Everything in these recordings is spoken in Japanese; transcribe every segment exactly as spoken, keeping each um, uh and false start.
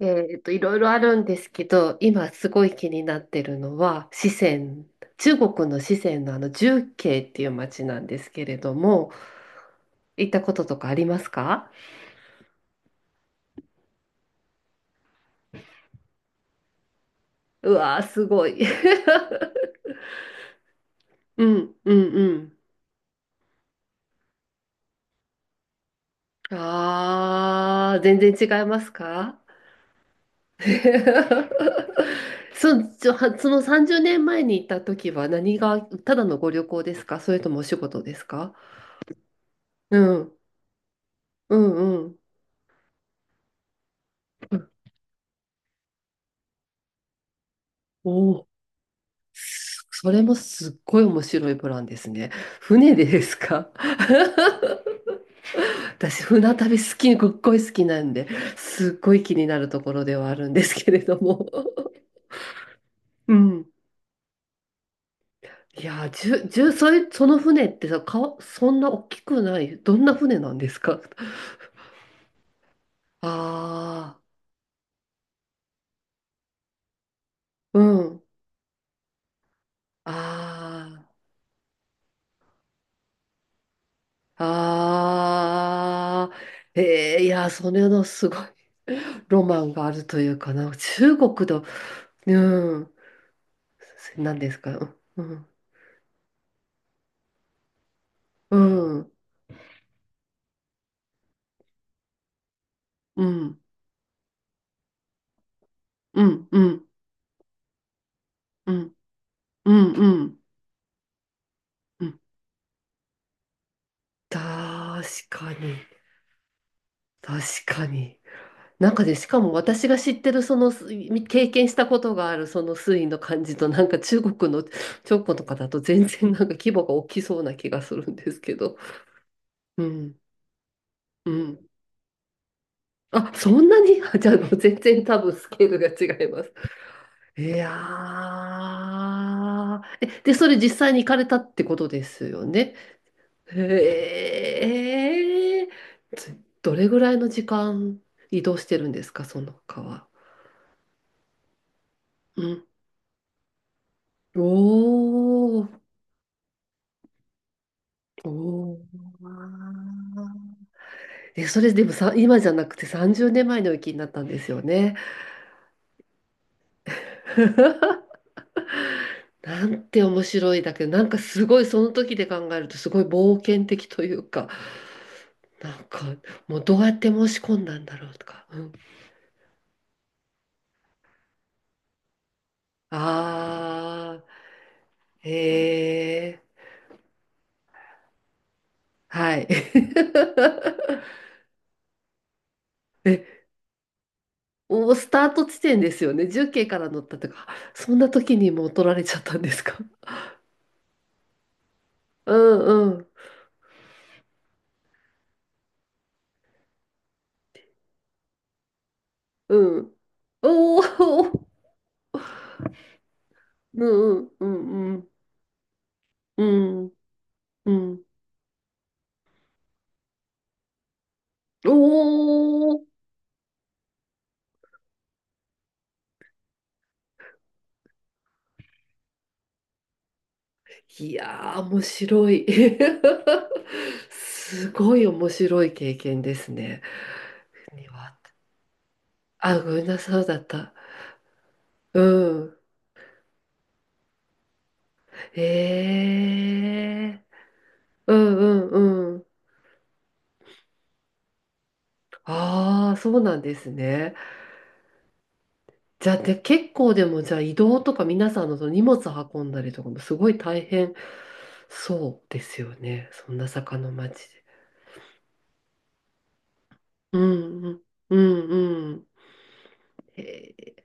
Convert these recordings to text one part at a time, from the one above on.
えっと、いろいろあるんですけど、今すごい気になってるのは、四川、中国の四川のあの重慶っていう町なんですけれども、行ったこととかありますか？うわー、すごい。うん、うん、うん。あー、全然違いますか？ そ、ちょはそのさんじゅうねんまえに行った時は何が、ただのご旅行ですか、それともお仕事ですか？うん、うん、うん。お、それもすっごい面白いプランですね。船でですか？ 私、船旅好き、すっごい好きなんで、すっごい気になるところではあるんですけれども。うん。いやー、じゅ、じゅ、それ、その船ってさ、顔、そんな大きくない、どんな船なんですか？あ あー、うん。ああ、ああ、えー、いやー、それのすごい ロマンがあるというかな。中国の、うん。何ですか？うん、うん、うん、うん、うん、うん、うん、うん。うん、確かに、確かに。なんかで、しかも私が知ってる、その、す経験したことがある、その水位の感じと、なんか中国の長江 とかだと全然なんか規模が大きそうな気がするんですけど。うん、うん。あ、そんなに？あ じゃあもう全然多分スケールが違います。いやー。え、で、それ実際に行かれたってことですよね。へえ、つ、どれぐらいの時間移動してるんですか、その川。うん。おー、おー。え、それでもさ、今じゃなくてさんじゅうねんまえの雪になったんですよね。なんて面白いだけど、なんかすごいその時で考えるとすごい冒険的というか、なんかもうどうやって申し込んだんだろうとか。うん、ああ、へえ、はい。え、お、スタート地点ですよね。重慶から乗ったとか、あ、そんな時にもう取られちゃったんですか。うんうんうん。おお、うんうんうんうんうん。うん、おお、いやー、面白い。すごい面白い経験ですね。国は、あ、ごめんなさい、そうだった。うん。ええ、うんうんうん。ああ、そうなんですね。じゃあ、で、結構でも、じゃあ移動とか皆さんのその荷物運んだりとかもすごい大変そうですよね。そんな坂の町で。うんうん。うんうん。へー、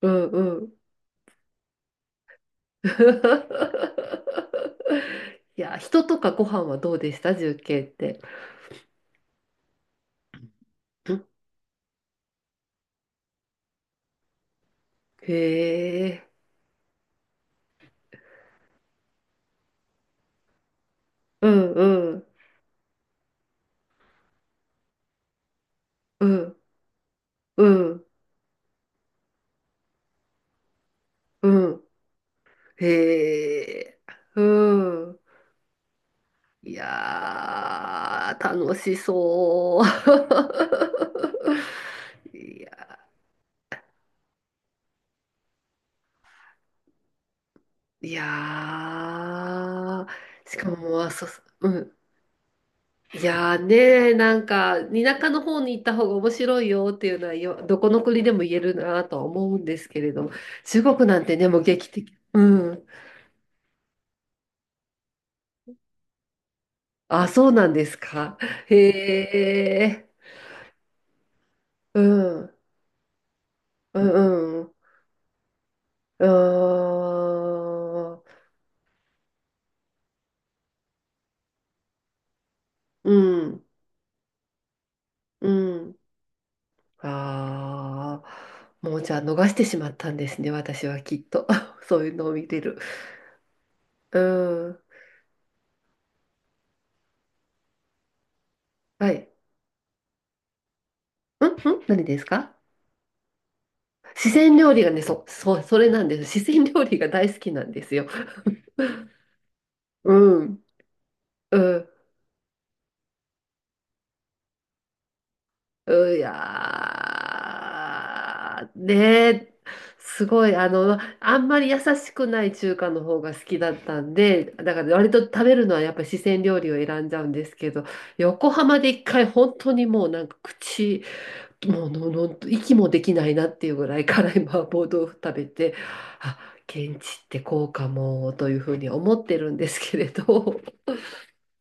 うんうん。いや、人とかご飯はどうでした、重慶って。うん、へえ。うんうん。うんうん。うん。へえ。うん。いやー、楽しそう。いや、いやー、しかも、あ、そうそう、うん。いやーね、なんか、田舎の方に行った方が面白いよっていうのはよ、どこの国でも言えるなとは思うんですけれども、中国なんてね、もう劇的。うん。あ、そうなんですか。へえ、うん、うん、うん、うーん、うん。うん、ああ、もうじゃあ逃してしまったんですね、私はきっと。そういうのを見てる。うん。はい。うんうん、何ですか？四川料理がね、そ、そう、それなんです。四川料理が大好きなんですよ。うん。うん。う、やー、ねえ、すごい、あの、あんまり優しくない中華の方が好きだったんで、だから割と食べるのはやっぱり四川料理を選んじゃうんですけど、横浜で一回本当にもうなんか口、もうのの息もできないなっていうぐらい辛い麻婆豆腐食べて、あ、現地ってこうかも、というふうに思ってるんですけれど、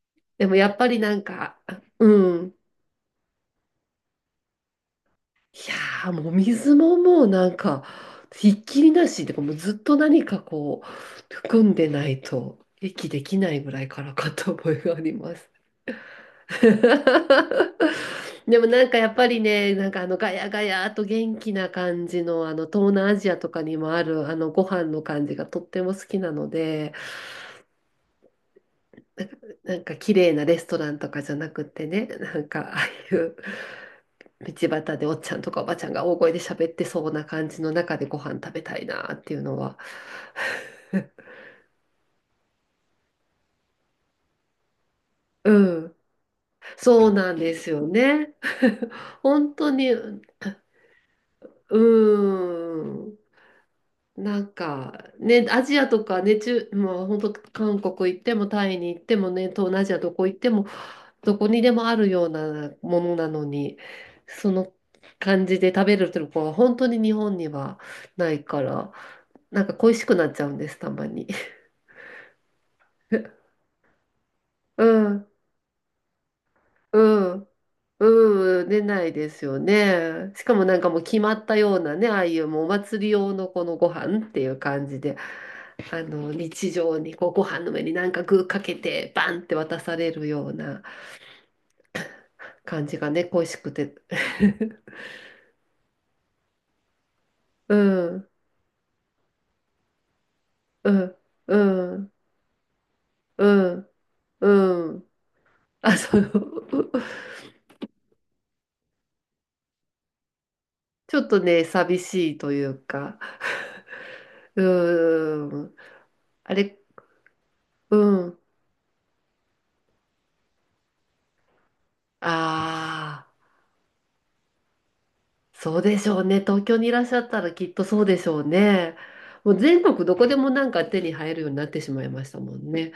でもやっぱりなんか、うん。いやー、もう水ももうなんか、ひっきりなし、でもうずっと何かこう、含んでないと、息できないぐらいからかと思いがあります。でもなんかやっぱりね、なんかあのガヤガヤと元気な感じの、あの東南アジアとかにもあるあのご飯の感じがとっても好きなので、なんか綺麗なレストランとかじゃなくってね、なんかああいう。道端でおっちゃんとかおばちゃんが大声で喋ってそうな感じの中でご飯食べたいなっていうのは うん、そうなんですよね。本当に、うん。なんかね、アジアとかね、中、もう本当韓国行ってもタイに行ってもね、東南アジアどこ行ってもどこにでもあるようなものなのに、その感じで食べるとこは本当に日本にはないから、なんか恋しくなっちゃうんです、たまに。うん。うん。うん、出ないですよね。しかもなんかもう決まったようなね、ああいうもうお祭り用のこのご飯っていう感じで、あの、日常にこうご飯の上になんか具かけて、バンって渡されるような感じがね、恋しくて。うん、うん、うん、うん、うん。あ、そう。ちょっとね、寂しいというか、うん。あれ、うん。ああ。そうでしょうね。東京にいらっしゃったらきっとそうでしょうね。もう全国どこでもなんか手に入るようになってしまいましたもんね。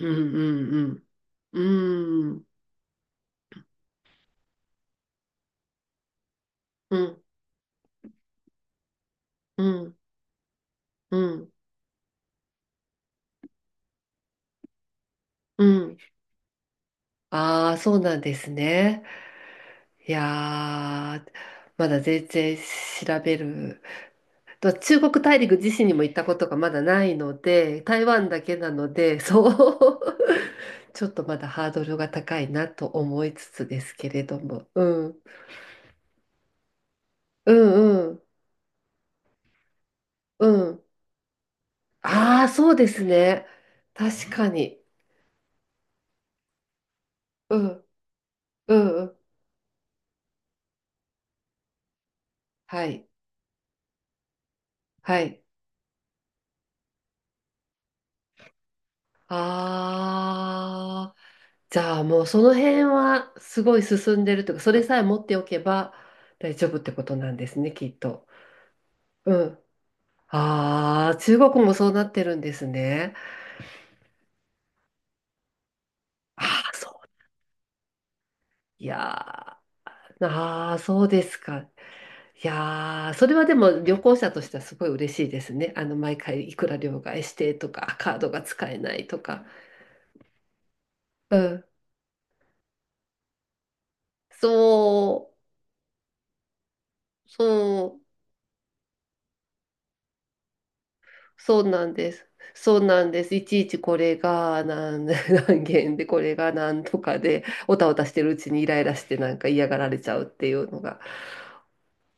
うんうんうん。うんうんうんうん。ああー、そうなんですね。いやー、まだ全然調べる。と中国大陸自身にも行ったことがまだないので、台湾だけなので、そう、ちょっとまだハードルが高いなと思いつつですけれども。うん。うんうんうん。ああ、そうですね。確かに。うんうんうん。はい。はい。ああ、じゃあもうその辺はすごい進んでるというか、それさえ持っておけば大丈夫ってことなんですね、きっと。うん。ああ、中国もそうなってるんですね。ああ、そう。いやー、ああ、そうですか。いやー、それはでも旅行者としてはすごい嬉しいですね。あの、毎回いくら両替してとか、カードが使えないとか。うん。そう、そう、そうなんです。そうなんです。いちいちこれが何、何件で、これが何とかで、おたおたしてるうちにイライラしてなんか嫌がられちゃうっていうのが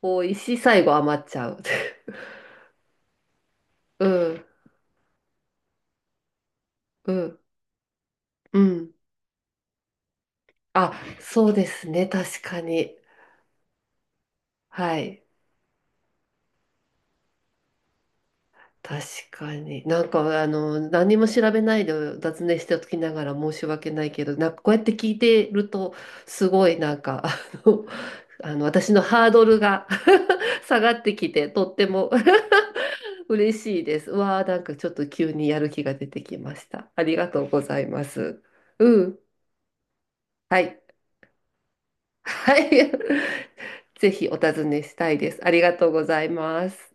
多いし、最後余っちゃう。うん、うん、うん。あ、そうですね。確かに。はい。確かに。なんか、あの、何も調べないで雑念しておきながら申し訳ないけど、なんかこうやって聞いてると、すごいなんか、あの、あの私のハードルが 下がってきて、とっても 嬉しいです。うわあ、なんかちょっと急にやる気が出てきました。ありがとうございます。うん。はい。はい。ぜひお尋ねしたいです。ありがとうございます。